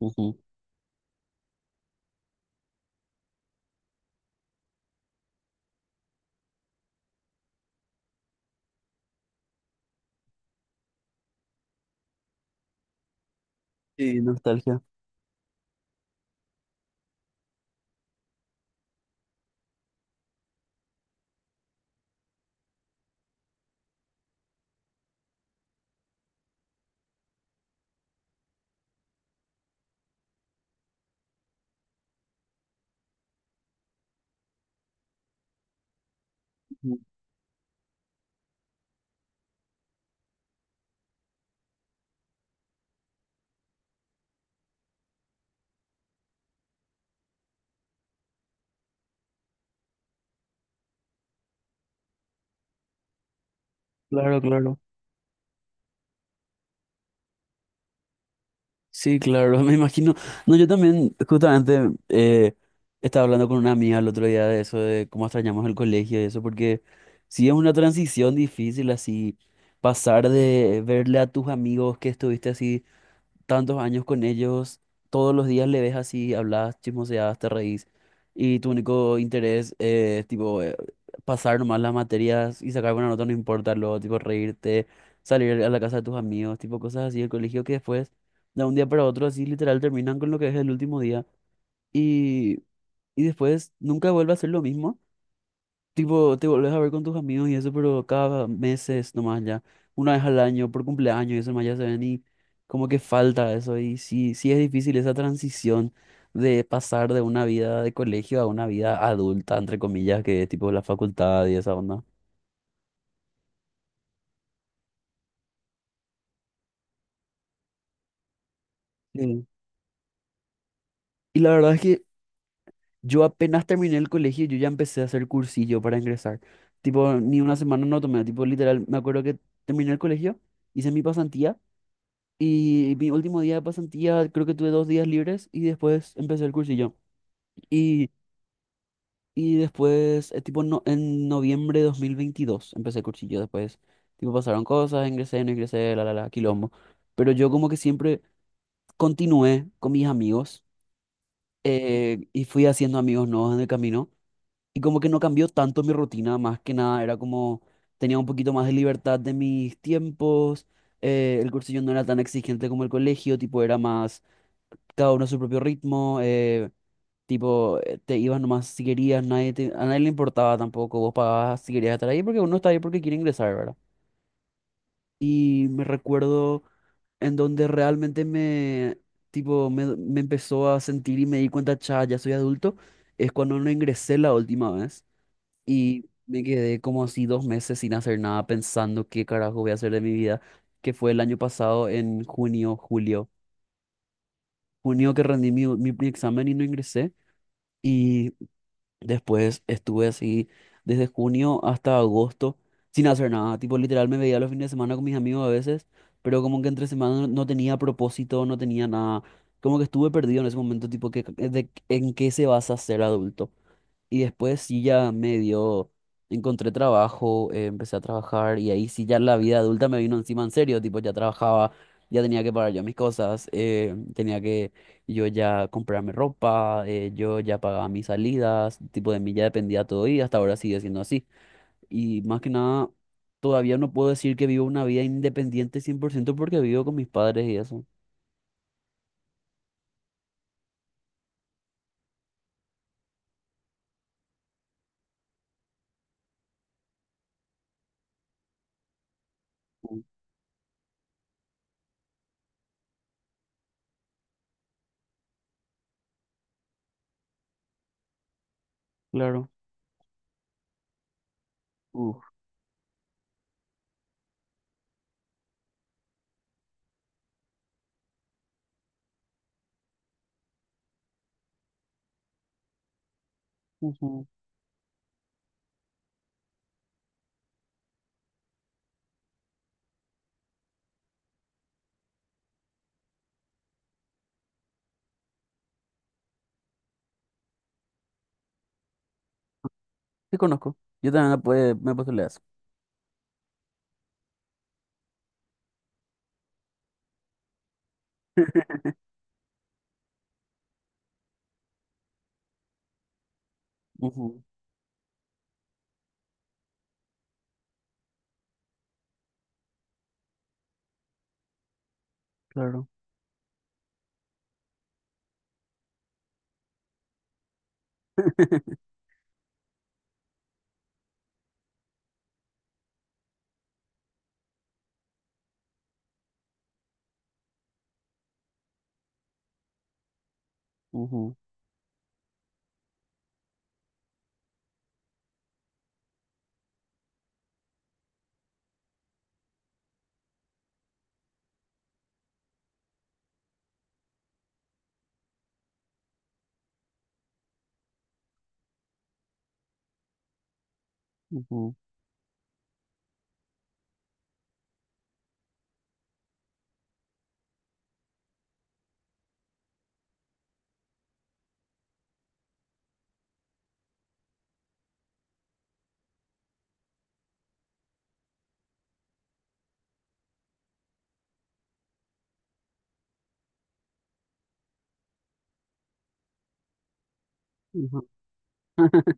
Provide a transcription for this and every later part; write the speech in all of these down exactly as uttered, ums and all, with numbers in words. Ujú. Sí, nostalgia. Ujú. Claro, claro. Sí, claro, me imagino. No, yo también, justamente, eh, estaba hablando con una amiga el otro día de eso, de cómo extrañamos el colegio y eso, porque sí es una transición difícil así, pasar de verle a tus amigos que estuviste así tantos años con ellos, todos los días le ves así, hablas, chismoseas, te reís, y tu único interés es tipo eh, pasar nomás las materias y sacar buena nota, no importa lo, tipo reírte, salir a la casa de tus amigos, tipo cosas así, el colegio que después, de un día para otro, así literal terminan con lo que es el último día y, y después nunca vuelve a ser lo mismo. Tipo, te volvés a ver con tus amigos y eso, pero cada meses nomás ya, una vez al año, por cumpleaños y eso nomás ya se ven y como que falta eso. Y sí, sí es difícil esa transición de pasar de una vida de colegio a una vida adulta, entre comillas, que es tipo la facultad y esa onda. Sí. Y la verdad es que yo apenas terminé el colegio, yo ya empecé a hacer cursillo para ingresar. Tipo, ni una semana no tomé, tipo, literal, me acuerdo que terminé el colegio, hice mi pasantía. Y mi último día de pasantía, creo que tuve dos días libres y después empecé el cursillo. Y, y después, eh, tipo, no, en noviembre de dos mil veintidós empecé el cursillo. Después, tipo, pasaron cosas, ingresé, no ingresé, la, la, la, quilombo. Pero yo como que siempre continué con mis amigos eh, y fui haciendo amigos nuevos en el camino. Y como que no cambió tanto mi rutina, más que nada, era como tenía un poquito más de libertad de mis tiempos. Eh, el cursillo no era tan exigente como el colegio, tipo, era más cada uno a su propio ritmo, eh, tipo, eh, te ibas nomás si querías, nadie te- a nadie le importaba tampoco, vos pagabas si querías estar ahí porque uno está ahí porque quiere ingresar, ¿verdad? Y me recuerdo en donde realmente me, tipo, me, me empezó a sentir y me di cuenta, cha, ya soy adulto, es cuando no ingresé la última vez y me quedé como así dos meses sin hacer nada pensando qué carajo voy a hacer de mi vida, que fue el año pasado en junio, julio. Junio que rendí mi, mi mi examen y no ingresé. Y después estuve así desde junio hasta agosto sin hacer nada. Tipo, literal me veía los fines de semana con mis amigos a veces, pero como que entre semana no no tenía propósito, no tenía nada. Como que estuve perdido en ese momento, tipo, que, eh, de, ¿en qué se vas a ser adulto? Y después sí ya me dio, encontré trabajo, eh, empecé a trabajar y ahí sí ya la vida adulta me vino encima en serio, tipo ya trabajaba, ya tenía que pagar yo mis cosas, eh, tenía que yo ya comprarme ropa, eh, yo ya pagaba mis salidas, tipo de mí ya dependía todo y hasta ahora sigue siendo así. Y más que nada, todavía no puedo decir que vivo una vida independiente cien por ciento porque vivo con mis padres y eso. Mm. Claro. Uf. Ujú. Te conozco. Yo también me puede, me puedo leer eso. Claro. Ujú, ujú, ujú.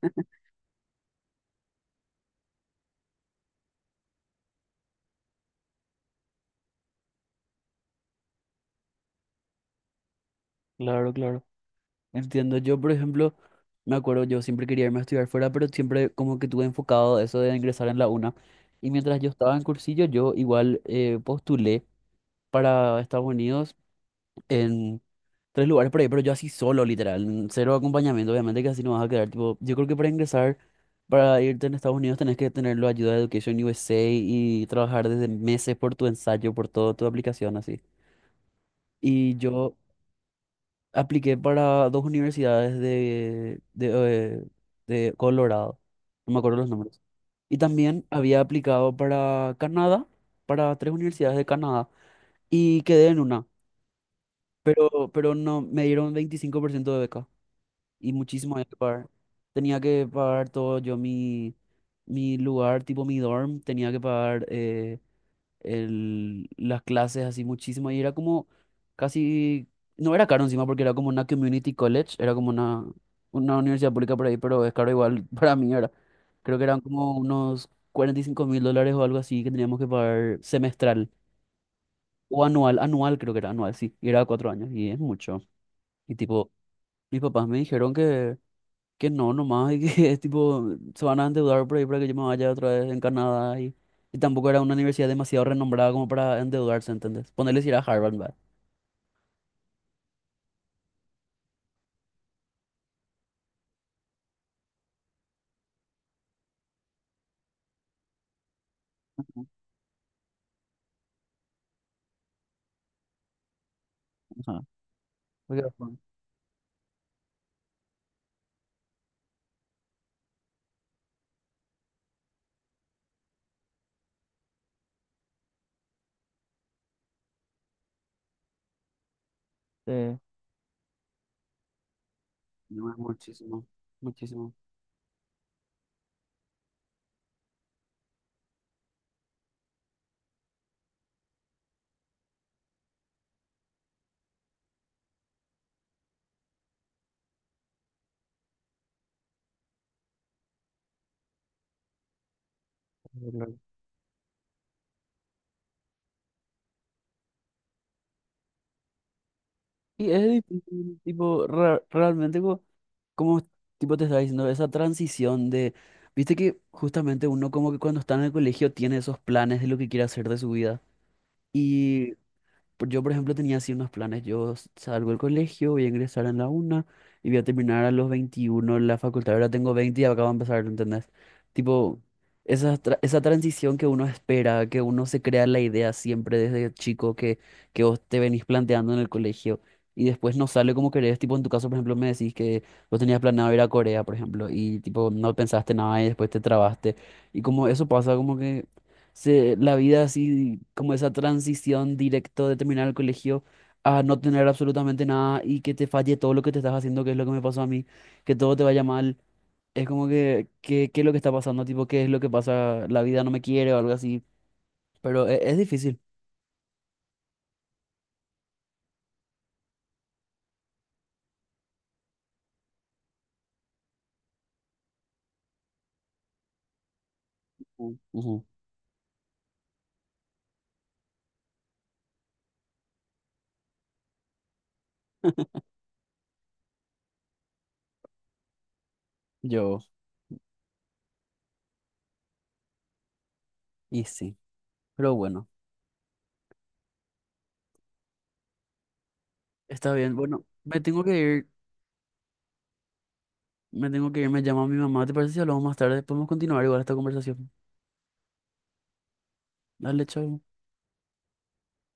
Claro, claro. Entiendo. Yo, por ejemplo, me acuerdo, yo siempre quería irme a estudiar fuera, pero siempre como que tuve enfocado eso de ingresar en la UNA. Y mientras yo estaba en cursillo, yo igual eh, postulé para Estados Unidos en tres lugares por ahí, pero yo así solo, literal, en cero acompañamiento, obviamente que así no vas a quedar. Tipo, yo creo que para ingresar, para irte en Estados Unidos, tenés que tener la ayuda de Education U S A y trabajar desde meses por tu ensayo, por toda tu aplicación, así. Y yo apliqué para dos universidades de, de, eh, de Colorado, no me acuerdo los nombres. Y también había aplicado para Canadá, para tres universidades de Canadá, y quedé en una, pero, pero no, me dieron veinticinco por ciento de beca y muchísimo había que pagar. Tenía que pagar todo yo, mi, mi lugar, tipo mi dorm, tenía que pagar eh, el- las clases así muchísimo y era como casi, no era caro encima porque era como una community college, era como una, una universidad pública por ahí, pero es caro igual para mí era. Creo que eran como unos cuarenta y cinco mil dólares o algo así que teníamos que pagar semestral o anual, anual creo que era anual, sí, y era cuatro años y es mucho. Y tipo, mis papás me dijeron que... Que no, nomás, y que es tipo, se van a endeudar por ahí para que yo me vaya otra vez en Canadá y, y tampoco era una universidad demasiado renombrada como para endeudarse, ¿entendés? Ponerles ir a Harvard, ¿verdad? Ajá. Porque, bueno, eh, no es muchísimo, muchísimo. Claro, claro. Y es difícil, tipo, ra- realmente co- como, tipo te estaba diciendo, esa transición de, viste que justamente uno como que cuando está en el colegio tiene esos planes de lo que quiere hacer de su vida. por- Yo, por ejemplo, tenía así unos planes. Yo s- salgo del colegio, voy a ingresar en la una y voy a terminar a los veintiuno la facultad. Ahora tengo veinte y acabo de empezar, ¿entendés? Tipo, esa, tra- esa transición que uno espera, que uno se crea la idea siempre desde chico que, que vos te venís planteando en el colegio y después no sale como querés. Tipo, en tu caso, por ejemplo, me decís que vos tenías planeado ir a Corea, por ejemplo, y tipo, no pensaste nada y después te trabaste. Y como eso pasa, como que se- la vida así, como esa transición directo de terminar el colegio a no tener absolutamente nada y que te falle todo lo que te estás haciendo, que es lo que me pasó a mí, que todo te vaya mal. Es como que, que- ¿qué es lo que está pasando? Tipo, ¿qué es lo que pasa? La vida no me quiere o algo así. Pero e- es difícil. Ujú, ujú. Yo, y sí. Pero bueno, está bien. Bueno, me tengo que ir. Me tengo que ir. Me llama mi mamá. ¿Te parece si hablamos más tarde? Podemos continuar igual esta conversación. Dale, chao.